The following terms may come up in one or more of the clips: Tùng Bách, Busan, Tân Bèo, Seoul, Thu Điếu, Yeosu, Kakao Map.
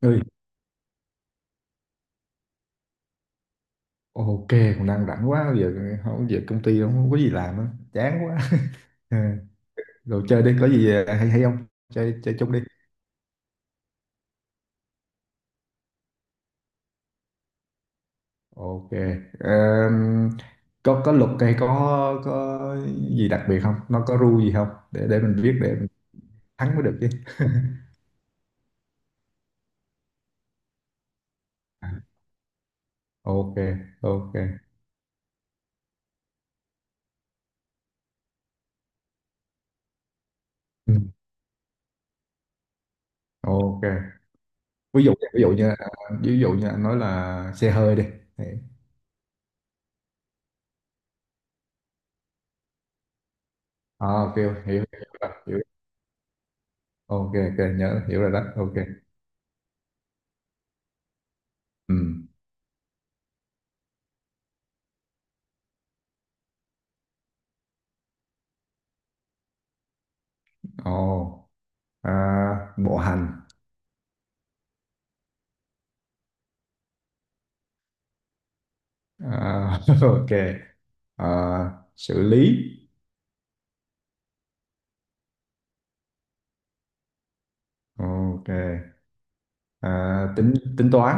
Ơi. Ok, cũng đang rảnh quá giờ. Không, giờ công ty không có gì làm á. Chán quá. Ờ, rồi chơi đi, có gì hay hay không? Chơi chơi chung đi. Ok. Ờm, có luật hay có có gì đặc biệt không, nó có rule gì không để mình biết, để mình thắng mới được chứ? Ok, ok. Ừ, ok. Ví dụ như à, ví dụ như anh nói là xe hơi đi. À, ok, hiểu hiểu. Ok, ok, nhớ, hiểu rồi đó. Ok. Ừ. Ồ. À, bộ hành. À, ok. À, xử lý. Ok. À, tính, tính toán.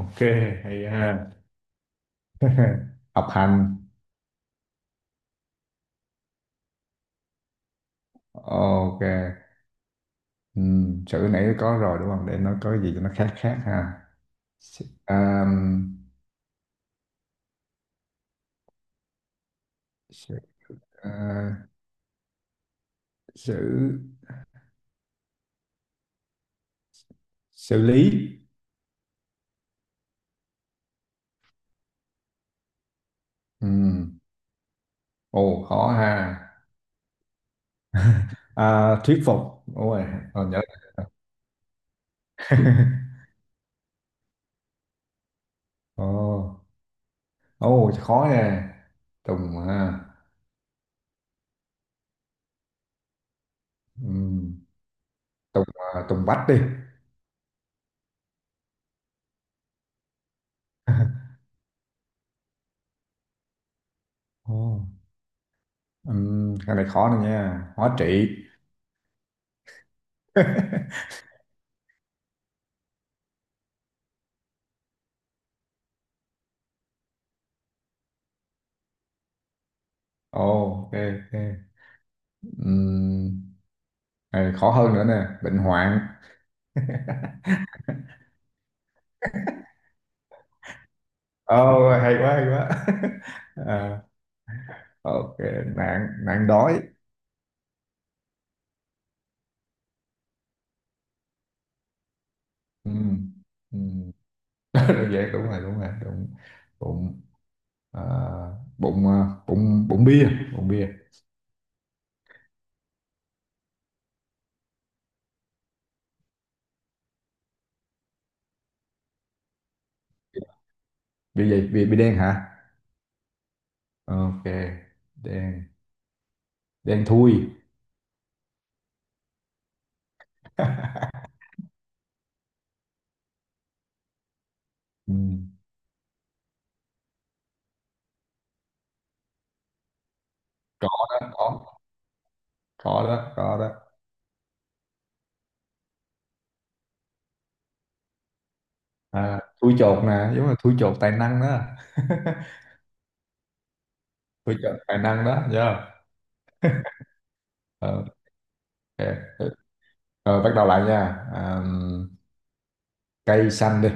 Ok, hay ha. Học hành. Ok. Ừ, chữ nãy có rồi đúng không, để nó có gì cho nó khác khác ha. Xử, à, xử, à, xử, xử lý. Ừ. Ồ, khó ha. À, thuyết phục. Ôi, còn nhớ. Ồ. Ồ, khó nè. Tùng ha. Ừm, Tùng. À, Tùng Bách đi. Ồ. Cái này khó này nha, hóa trị. Ồ, ok, ok. Ừm, cái này khó hơn nữa nè, bệnh hoạn. Ồ, hay quá, hay quá. À, ok. Nạn, nạn đói. Ừm, ừm. Đơn giản, đúng rồi, đúng rồi, đúng. Bụng. À, bụng. À, bụng, bụng bia. Bụng bia. Bia gì, bia, bia đen hả? Ok. Đen. Đen thui. Ừ. Có đó, có, có đó, có đó. À, thui chột nè, giống như thui chột tài năng đó. Thui chột tài năng đó, nhớ. Ờ, ok. Ừ, rồi, bắt đầu lại nha. À, cây xanh đi.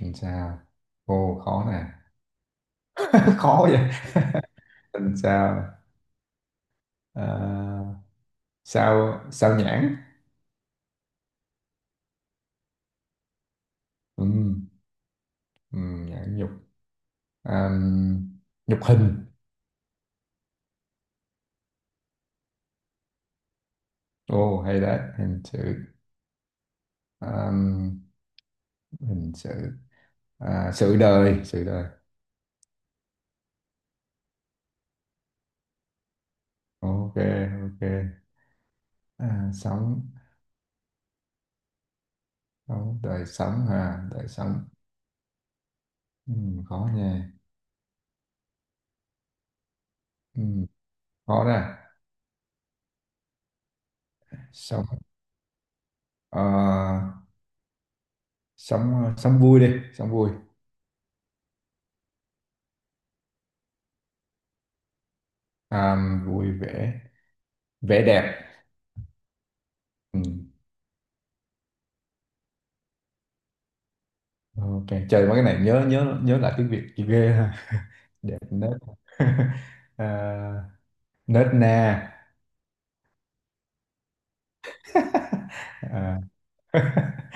Làm sao? Ô, khó nè. Khó vậy. Làm sao? À, sao, sao nhãn? Ừ, ừ, nhãn nhục. À, nhục hình. Ô, hay đấy. Hình sự. À, hình sự. À, sự đời, sự đời. Ok, ok. À, sống, sống đời sống hả, đời sống. Ừ, khó nha. Ừ, khó đó. Sống. Ờ, sống, sống vui đi, sống vui. À, vui vẻ. Vẻ đẹp. Ừ. Ok, trời, mấy cái này nhớ, nhớ lại tiếng Việt chị ghê ha. Đẹp nết. À, nết na. À.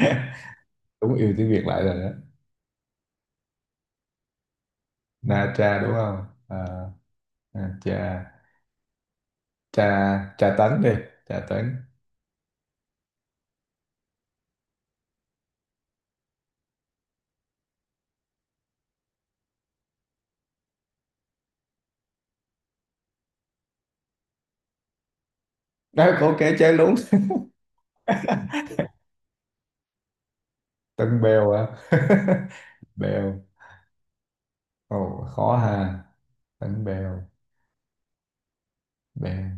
Đúng, yêu tiếng Việt lại rồi đó. Na cha đúng không? À, na cha, cha, cha tấn đi. Cha tấn. Đó, ok, chơi luôn. Tân Bèo à? Bèo. Ồ, khó ha. Tân Bèo. Bèo.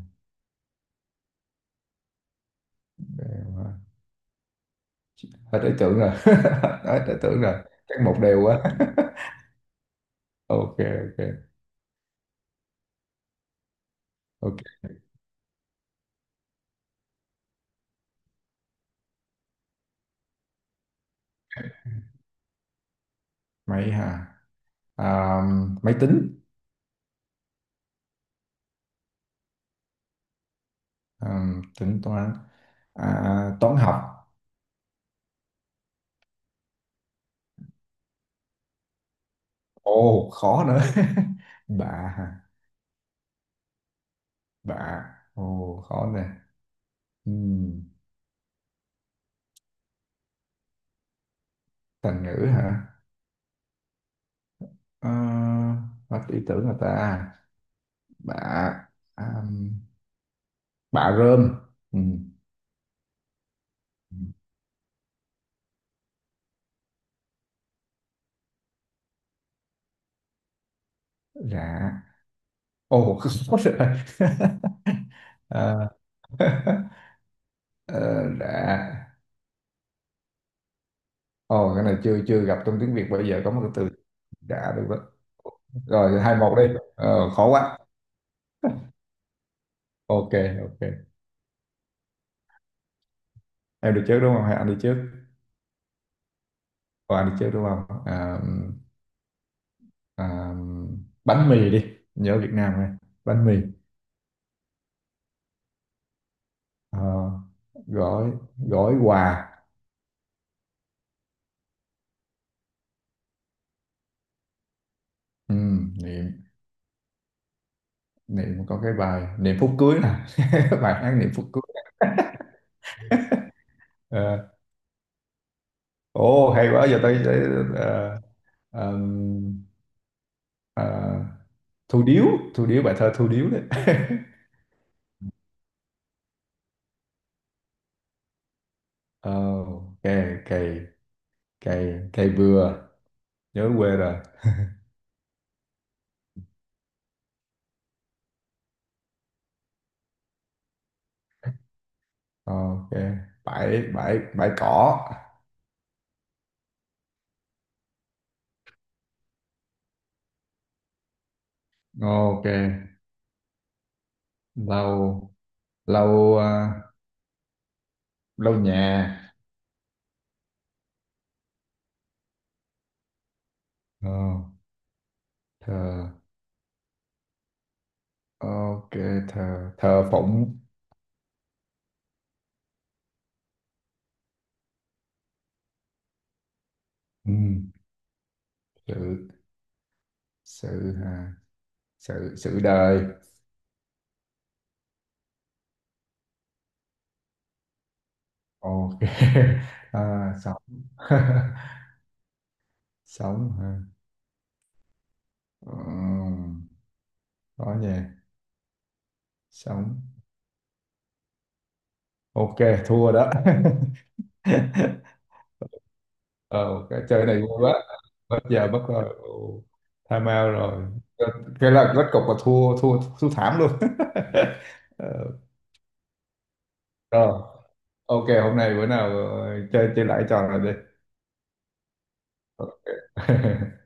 Bèo hả? Hết ý tưởng rồi. Hết ý tưởng rồi, chắc một đều quá. Ok, ok, ok. Máy ha. À, máy tính. À, tính toán. À, toán học. Ồ, khó nữa. Bạ ha. Bạ. Ồ, khó nè. Ừm, Thành ngữ hả? À, hết ý tưởng rồi ta. Bạ. À, bà rơm. Ừ. Rạ. Ồ, khó rồi. Ờ. Ờ, rạ. Ồ, cái này chưa chưa gặp trong tiếng Việt. Bây giờ có một cái từ đã được đó. Rồi, hai một đi. Ờ, khó quá. Ok, ok. Em đi trước đúng không, hay anh đi trước? Ồ, anh đi trước đúng không? À, à, bánh mì đi. Nhớ Việt Nam này. Bánh mì. Ờ, gói, gói quà. Ừ, niệm, niệm có cái bài niệm phút cưới nè. Bài hát niệm phút cưới. Ờ. Ồ, hay quá, giờ ờm, ờ, Thu Điếu. Thu Điếu, bài thơ Thu Điếu đấy. Ờ, ok. Cây. Cây bừa. Nhớ quê rồi. Ờ, ok. Bãi. Bãi cỏ. Ờ, ok. Lau. Lau, à, lau nhà. Ờ, thờ, ok, thờ, thờ phụng. Ừ. Sự. Sự, à, sự sự đời. Ok. À, xong. Sống hả? Ừ, đó nha. Sống. Ok. Thua đó. Ờ, ok, chơi này vui quá. Mất giờ mất rồi. Ồ, time out rồi. Cái cái là kết cục là thua, thua thảm luôn. Ờ, rồi. Ok, hôm nay bữa nào ờ, chơi, chơi lại trò này đi.